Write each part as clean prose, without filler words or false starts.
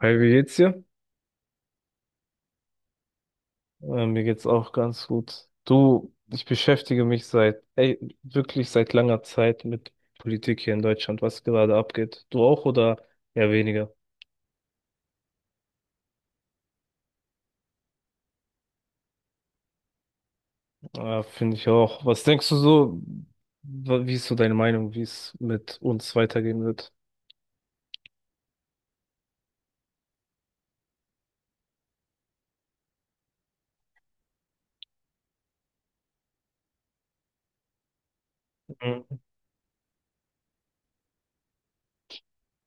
Hi, wie geht's dir? Mir geht's auch ganz gut. Du, ich beschäftige mich seit, ey, wirklich seit langer Zeit mit Politik hier in Deutschland, was gerade abgeht. Du auch oder eher weniger? Finde ich auch. Was denkst du so, wie ist so deine Meinung, wie es mit uns weitergehen wird? Mhm.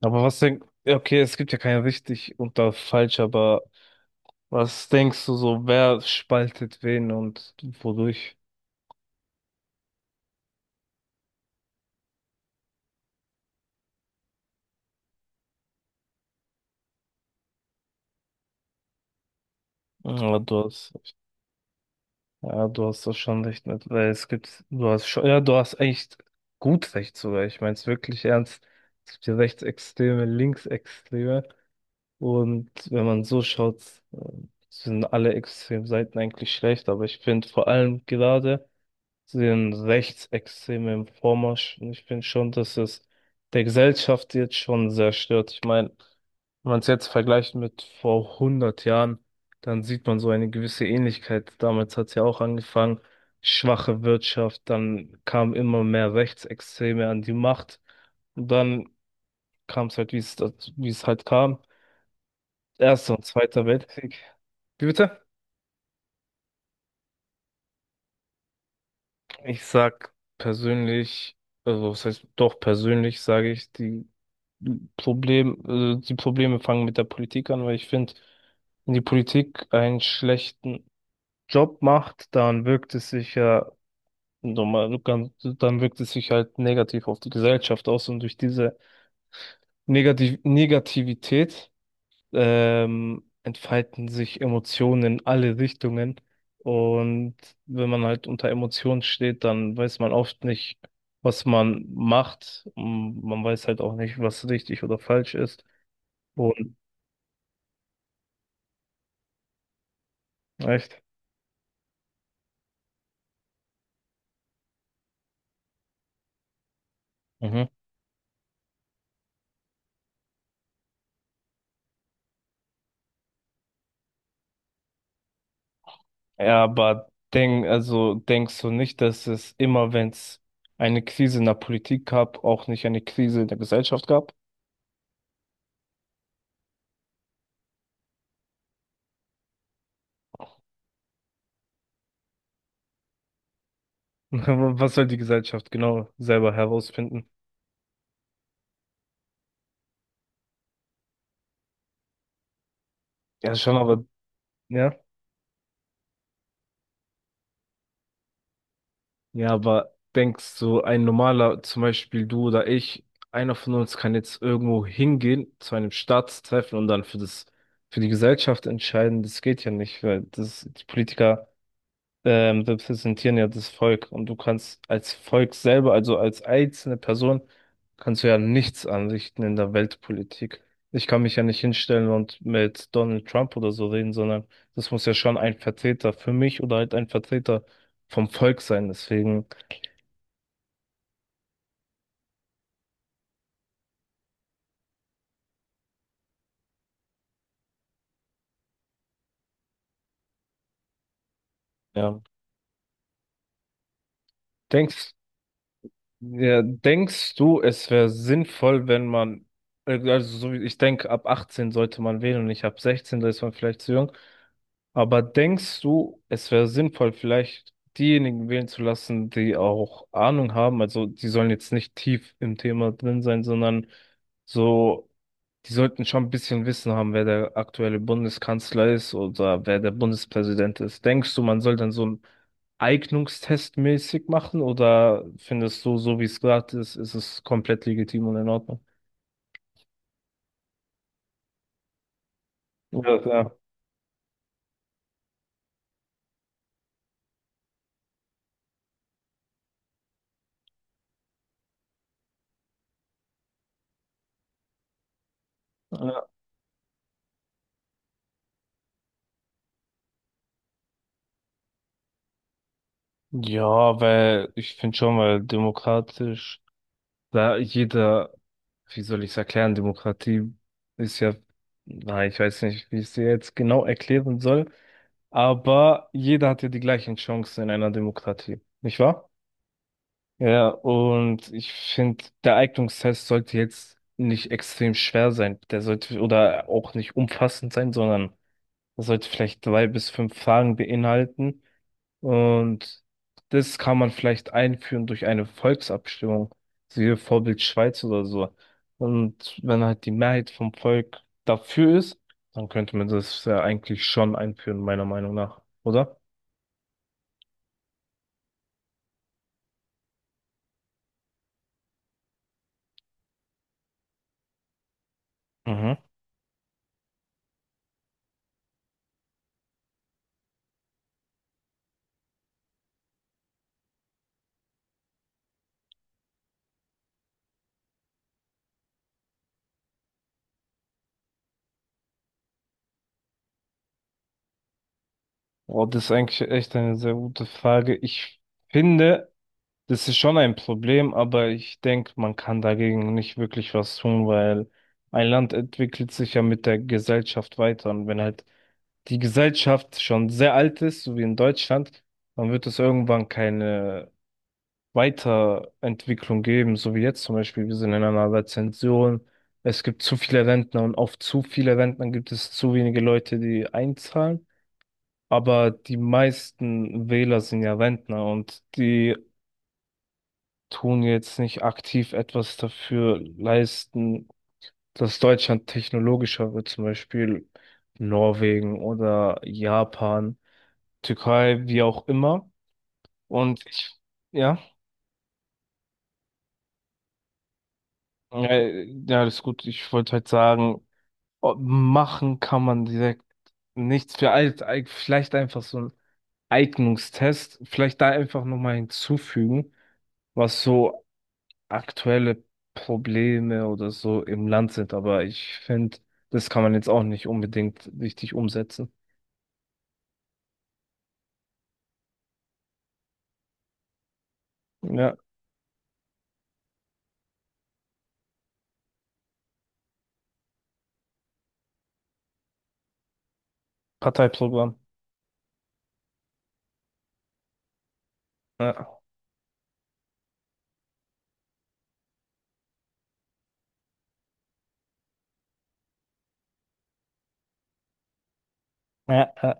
Aber was denkst, okay, es gibt ja kein richtig und da falsch, aber was denkst du so, wer spaltet wen und wodurch? Ja, du hast. Ja, du hast das schon recht mit, weil es gibt, du hast schon, ja, du hast echt gut recht sogar. Ich meine es wirklich ernst. Es gibt ja Rechtsextreme, Linksextreme. Und wenn man so schaut, äh, sind alle Extremseiten eigentlich schlecht. Aber ich finde vor allem gerade den rechtsextremen Vormarsch. Und ich finde schon, dass es der Gesellschaft jetzt schon sehr stört. Ich meine, wenn man es jetzt vergleicht mit vor 100 Jahren, dann sieht man so eine gewisse Ähnlichkeit. Damals hat es ja auch angefangen, schwache Wirtschaft, dann kamen immer mehr Rechtsextreme an die Macht. Und dann kam es halt, wie es halt kam. Erster und Zweiter Weltkrieg. Wie bitte? Ich sag persönlich, also was heißt doch persönlich, sage ich, die die Probleme fangen mit der Politik an, weil ich finde, wenn die Politik einen schlechten Job macht, dann wirkt es sich ja normal, dann wirkt es sich halt negativ auf die Gesellschaft aus und durch diese Negativität entfalten sich Emotionen in alle Richtungen. Und wenn man halt unter Emotionen steht, dann weiß man oft nicht, was man macht. Und man weiß halt auch nicht, was richtig oder falsch ist. Echt? Mhm. Ja, aber denk, also denkst du nicht, dass es immer, wenn es eine Krise in der Politik gab, auch nicht eine Krise in der Gesellschaft gab? Was soll die Gesellschaft genau selber herausfinden? Ja, schon, aber. Ja? Ja, aber denkst du, ein normaler, zum Beispiel du oder ich, einer von uns kann jetzt irgendwo hingehen zu einem Staatstreffen und dann für das, für die Gesellschaft entscheiden? Das geht ja nicht, weil das, die Politiker repräsentieren ja das Volk und du kannst als Volk selber, also als einzelne Person, kannst du ja nichts anrichten in der Weltpolitik. Ich kann mich ja nicht hinstellen und mit Donald Trump oder so reden, sondern das muss ja schon ein Vertreter für mich oder halt ein Vertreter vom Volk sein. Deswegen, ja, denkst, ja, denkst du, es wäre sinnvoll, wenn man, also so wie ich denke, ab 18 sollte man wählen und nicht ab 16, da ist man vielleicht zu jung. Aber denkst du, es wäre sinnvoll, vielleicht diejenigen wählen zu lassen, die auch Ahnung haben? Also die sollen jetzt nicht tief im Thema drin sein, sondern so, die sollten schon ein bisschen Wissen haben, wer der aktuelle Bundeskanzler ist oder wer der Bundespräsident ist. Denkst du, man soll dann so einen Eignungstest mäßig machen oder findest du, so wie es gerade ist, ist es komplett legitim und in Ordnung? Ja, klar. Ja, ja, weil ich finde schon, weil demokratisch. Da jeder, wie soll ich es erklären, Demokratie ist ja, na, ich weiß nicht, wie ich es dir jetzt genau erklären soll, aber jeder hat ja die gleichen Chancen in einer Demokratie, nicht wahr? Ja, und ich finde, der Eignungstest sollte jetzt nicht extrem schwer sein. Der sollte oder auch nicht umfassend sein, sondern er sollte vielleicht drei bis fünf Fragen beinhalten, und das kann man vielleicht einführen durch eine Volksabstimmung, so wie Vorbild Schweiz oder so. Und wenn halt die Mehrheit vom Volk dafür ist, dann könnte man das ja eigentlich schon einführen, meiner Meinung nach, oder? Mhm. Oh, das ist eigentlich echt eine sehr gute Frage. Ich finde, das ist schon ein Problem, aber ich denke, man kann dagegen nicht wirklich was tun, weil ein Land entwickelt sich ja mit der Gesellschaft weiter. Und wenn halt die Gesellschaft schon sehr alt ist, so wie in Deutschland, dann wird es irgendwann keine Weiterentwicklung geben, so wie jetzt zum Beispiel. Wir sind in einer Rezession. Es gibt zu viele Rentner und auf zu viele Rentner gibt es zu wenige Leute, die einzahlen. Aber die meisten Wähler sind ja Rentner und die tun jetzt nicht aktiv etwas dafür leisten, dass Deutschland technologischer wird, zum Beispiel Norwegen oder Japan, Türkei, wie auch immer. Und ich, ja, ja, das ist gut. Ich wollte halt sagen, oh, machen kann man direkt nichts für alt, vielleicht einfach so ein Eignungstest, vielleicht da einfach nochmal hinzufügen, was so aktuelle Probleme oder so im Land sind, aber ich finde, das kann man jetzt auch nicht unbedingt richtig umsetzen. Ja. Parteiprogramm. Ja, ja.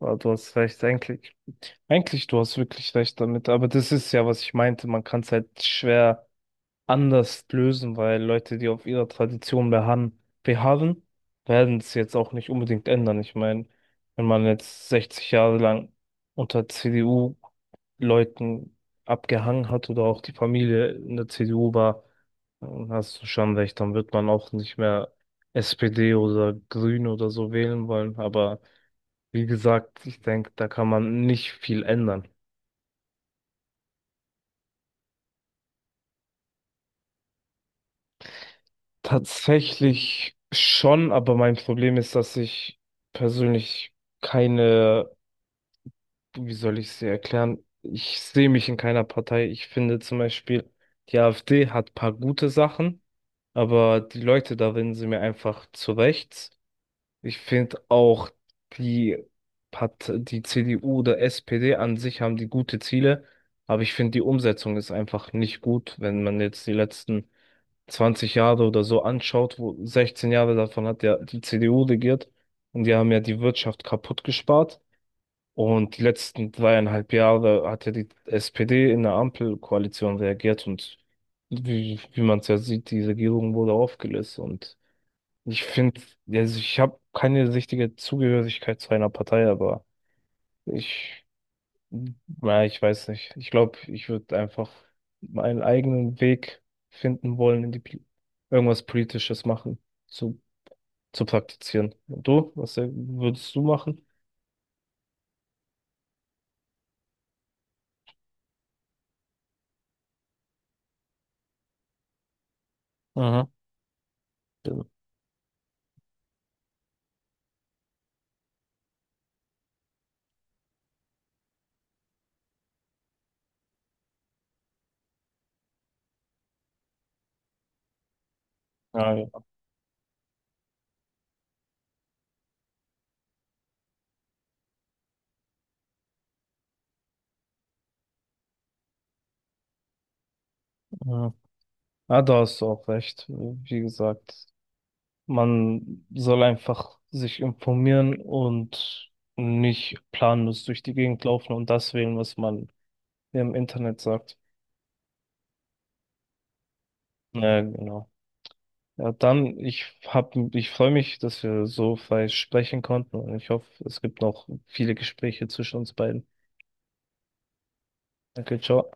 Aber du hast recht, eigentlich. Eigentlich, du hast wirklich recht damit, aber das ist ja, was ich meinte, man kann es halt schwer anders lösen, weil Leute, die auf ihrer Tradition beharren, werden es jetzt auch nicht unbedingt ändern. Ich meine, wenn man jetzt 60 Jahre lang unter CDU-Leuten abgehangen hat oder auch die Familie in der CDU war, dann hast du schon recht, dann wird man auch nicht mehr SPD oder Grün oder so wählen wollen. Aber wie gesagt, ich denke, da kann man nicht viel ändern. Tatsächlich schon, aber mein Problem ist, dass ich persönlich keine, wie soll ich sie erklären? Ich sehe mich in keiner Partei. Ich finde zum Beispiel, die AfD hat paar gute Sachen, aber die Leute darin sind mir einfach zu rechts. Ich finde auch die die CDU oder SPD an sich haben die gute Ziele, aber ich finde die Umsetzung ist einfach nicht gut, wenn man jetzt die letzten 20 Jahre oder so anschaut, wo 16 Jahre davon hat ja die CDU regiert und die haben ja die Wirtschaft kaputt gespart. Und die letzten 3,5 Jahre hat ja die SPD in der Ampelkoalition reagiert und wie man es ja sieht, die Regierung wurde aufgelöst. Und ich finde, also ich habe keine richtige Zugehörigkeit zu einer Partei, aber ich, ja, ich weiß nicht. Ich glaube, ich würde einfach meinen eigenen Weg finden wollen, irgendwas Politisches machen, zu, zu praktizieren. Und du? Was würdest du machen? Mhm. Genau. Ja, ja. Mhm. Ja, da hast du auch recht. Wie gesagt, man soll einfach sich informieren und nicht planlos durch die Gegend laufen und das wählen, was man im Internet sagt. Ja, genau. Ja, dann, ich freue mich, dass wir so frei sprechen konnten und ich hoffe, es gibt noch viele Gespräche zwischen uns beiden. Danke, ciao.